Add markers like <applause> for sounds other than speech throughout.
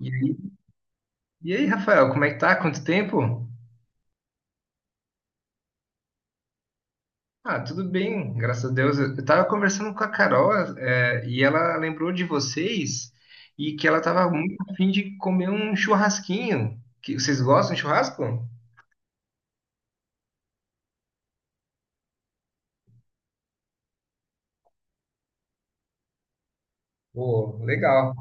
E aí, e aí, Rafael, como é que tá? Quanto tempo? Ah, tudo bem, graças a Deus. Eu tava conversando com a Carol, e ela lembrou de vocês e que ela tava muito a fim de comer um churrasquinho. Vocês gostam de churrasco? Pô, legal.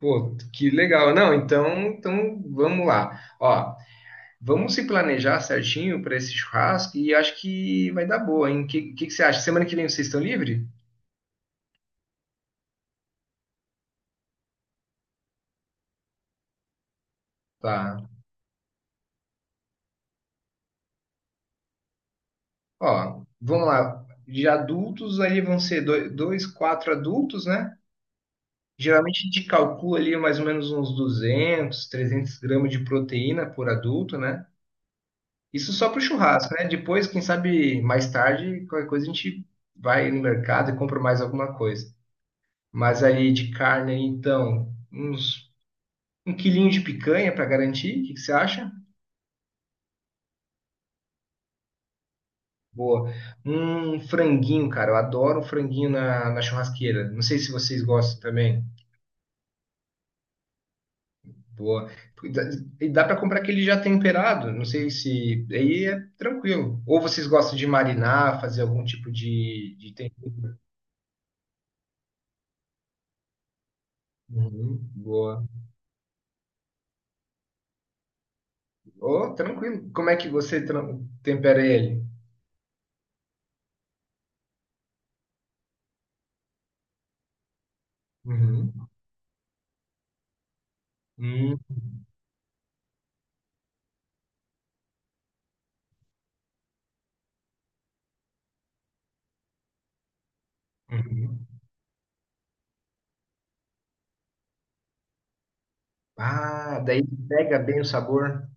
Pô, que legal. Não, então vamos lá. Ó, vamos se planejar certinho para esse churrasco e acho que vai dar boa, hein? O que você acha? Semana que vem vocês estão livres? Tá. Ó, vamos lá. De adultos, ali vão ser dois, quatro adultos, né? Geralmente a gente calcula ali mais ou menos uns 200, 300 g de proteína por adulto, né? Isso só para o churrasco, né? Depois, quem sabe mais tarde, qualquer coisa a gente vai no mercado e compra mais alguma coisa. Mas aí de carne, então, uns um quilinho de picanha para garantir. O que que você acha? Boa. Um franguinho, cara. Eu adoro um franguinho na churrasqueira. Não sei se vocês gostam também. Boa. E dá, e dá para comprar aquele já temperado, não sei se. Aí é tranquilo. Ou vocês gostam de marinar, fazer algum tipo de, tempero? Uhum, boa. Ou tranquilo. Como é que você tempera ele? Uhum. Hum, uhum. Ah, daí pega bem o sabor.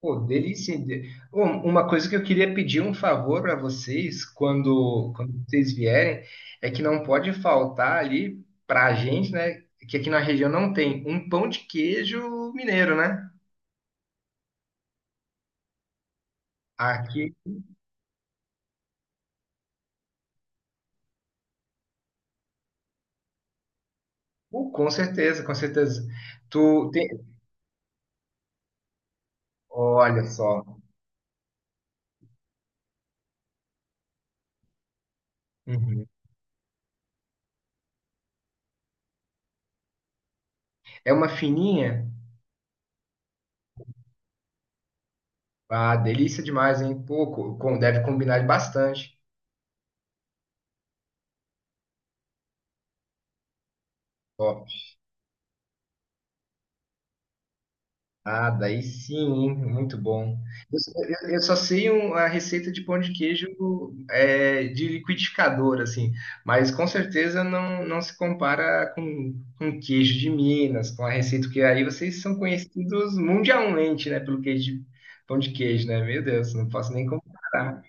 Pô, delícia. Bom, uma coisa que eu queria pedir um favor para vocês quando vocês vierem é que não pode faltar ali para a gente, né? Que aqui na região não tem um pão de queijo mineiro, né? Aqui, pô, com certeza, com certeza. Tu tem, olha só. Uhum. É uma fininha, ah, delícia demais, hein? Pô, deve combinar bastante. Ah, daí sim, hein? Muito bom. Eu só sei a receita de pão de queijo é, de liquidificador, assim, mas com certeza não se compara com queijo de Minas, com a receita que aí vocês são conhecidos mundialmente, né, pelo queijo de, pão de queijo, né? Meu Deus, não posso nem comparar.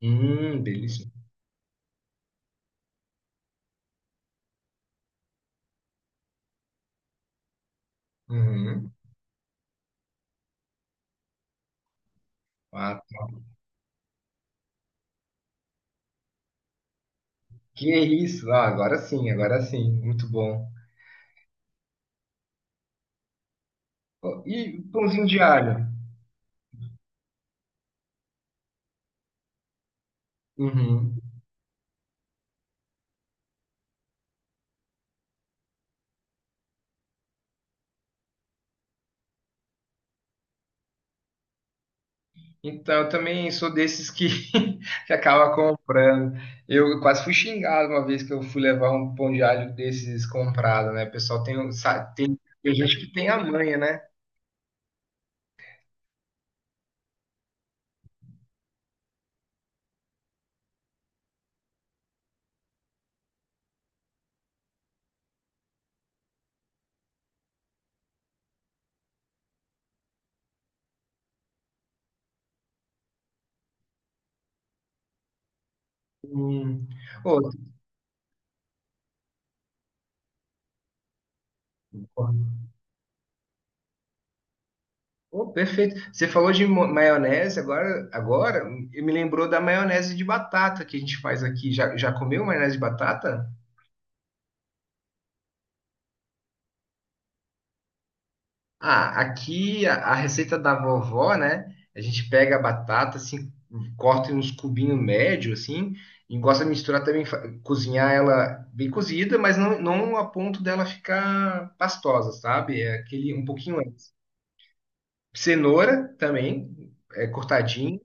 Delícia. Uhum. Ah, que isso? Ah, agora sim, muito bom. Oh, e pãozinho de alho? Uhum. Então, eu também sou desses que, <laughs> que acaba comprando. Eu quase fui xingado uma vez que eu fui levar um pão de alho desses comprado, né? O pessoal tem, tem gente que tem a manha, né? Hum. Ô, ô, perfeito. Você falou de maionese, agora me lembrou da maionese de batata que a gente faz aqui. Já comeu maionese de batata? Ah, aqui a, receita da vovó, né? A gente pega a batata, assim, corta em uns cubinhos médio, assim, e gosta de misturar também, fa- cozinhar ela bem cozida, mas não a ponto dela ficar pastosa, sabe? É aquele um pouquinho antes. Cenoura também, é cortadinho.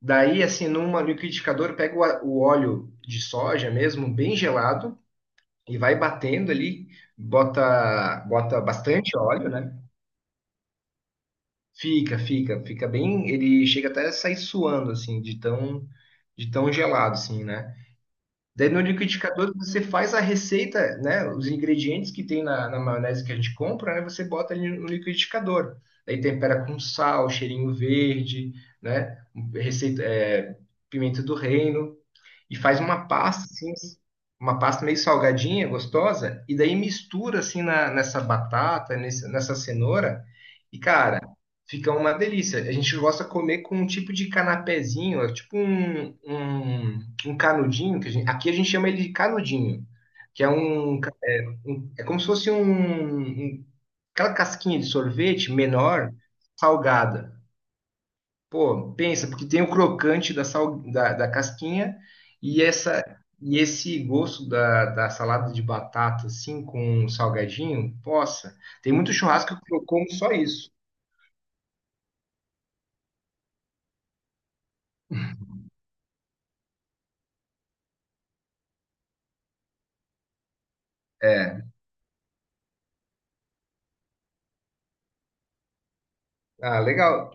Daí, assim, numa liquidificadora, pega o óleo de soja mesmo, bem gelado, e vai batendo ali, bota bastante óleo, né? Fica bem. Ele chega até a sair suando, assim, de tão gelado, assim, né? Daí no liquidificador você faz a receita, né? Os ingredientes que tem na, maionese que a gente compra, né? Você bota ali no liquidificador. Daí tempera com sal, cheirinho verde, né? Receita, é, pimenta do reino e faz uma pasta assim, uma pasta meio salgadinha, gostosa, e daí mistura assim na- nessa batata, nesse- nessa cenoura, e cara, fica uma delícia. A gente gosta de comer com um tipo de canapézinho, é tipo um, canudinho, que a gente- aqui a gente chama ele de canudinho, que é um, é como se fosse um, um- aquela casquinha de sorvete menor, salgada. Pô, pensa, porque tem o crocante da casquinha e essa e esse gosto da salada de batata, assim, com um salgadinho, possa. Tem muito churrasco que eu como só isso. É, ah, legal.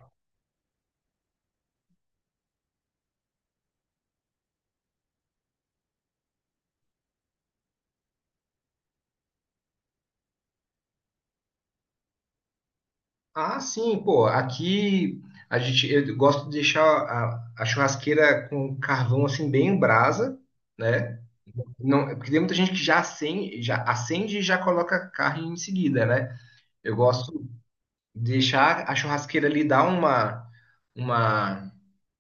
Ah, sim, pô, aqui a gente, eu gosto de deixar a churrasqueira com carvão, assim, bem em brasa, né? Não, porque tem muita gente que já acende e já coloca carne em seguida, né? Eu gosto deixar a churrasqueira ali dar uma,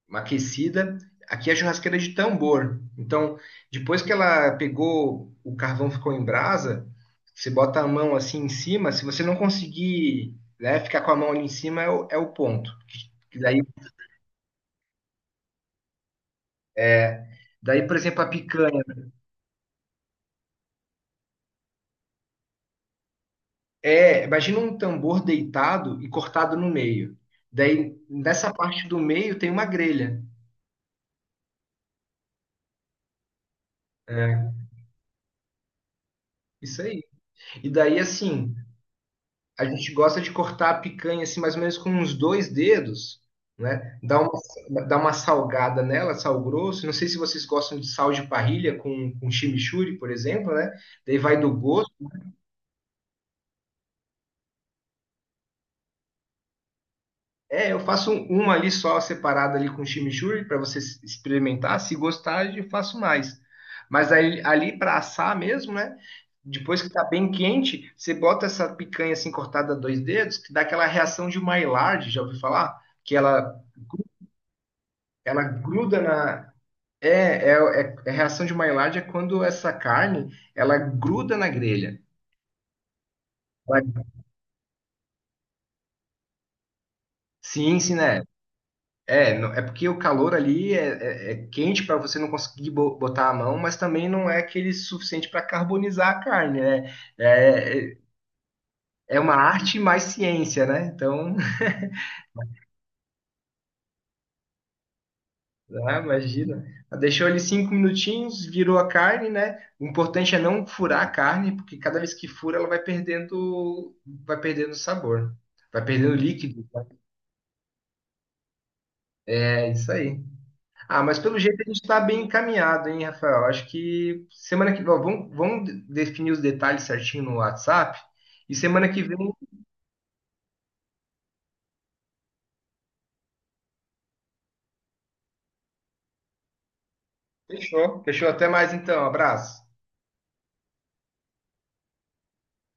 uma aquecida. Aqui a churrasqueira é de tambor. Então, depois que ela pegou, o carvão ficou em brasa, você bota a mão assim em cima, se você não conseguir, né, ficar com a mão ali em cima, é o ponto. E daí, é, daí, por exemplo, a picanha. É, imagina um tambor deitado e cortado no meio. Daí, nessa parte do meio tem uma grelha. É, isso aí. E daí, assim, a gente gosta de cortar a picanha assim, mais ou menos com uns dois dedos, né? dá uma, salgada nela, sal grosso. Não sei se vocês gostam de sal de parrilha com chimichurri, por exemplo, né? Daí vai do gosto. É, eu faço um- uma ali só separada ali com chimichurri para você experimentar. Se gostar, eu faço mais. Mas aí, ali para assar mesmo, né? Depois que tá bem quente, você bota essa picanha assim cortada a dois dedos, que dá aquela reação de Maillard, já ouviu falar? Que ela Ela gruda na. É reação de Maillard é quando essa carne ela gruda na grelha. Ela- Sim, sim, né? É, não- é porque o calor ali é quente para você não conseguir botar a mão, mas também não é aquele suficiente para carbonizar a carne, né? É uma arte mais ciência, né? Então. <laughs> Ah, imagina. Deixou ali 5 minutinhos, virou a carne, né? O importante é não furar a carne, porque cada vez que fura, ela vai perdendo sabor, vai perdendo líquido. É isso aí. Ah, mas pelo jeito a gente está bem encaminhado, hein, Rafael? Acho que semana que ó, vamos definir os detalhes certinho no WhatsApp. E semana que vem, fechou. Fechou. Até mais então. Abraço.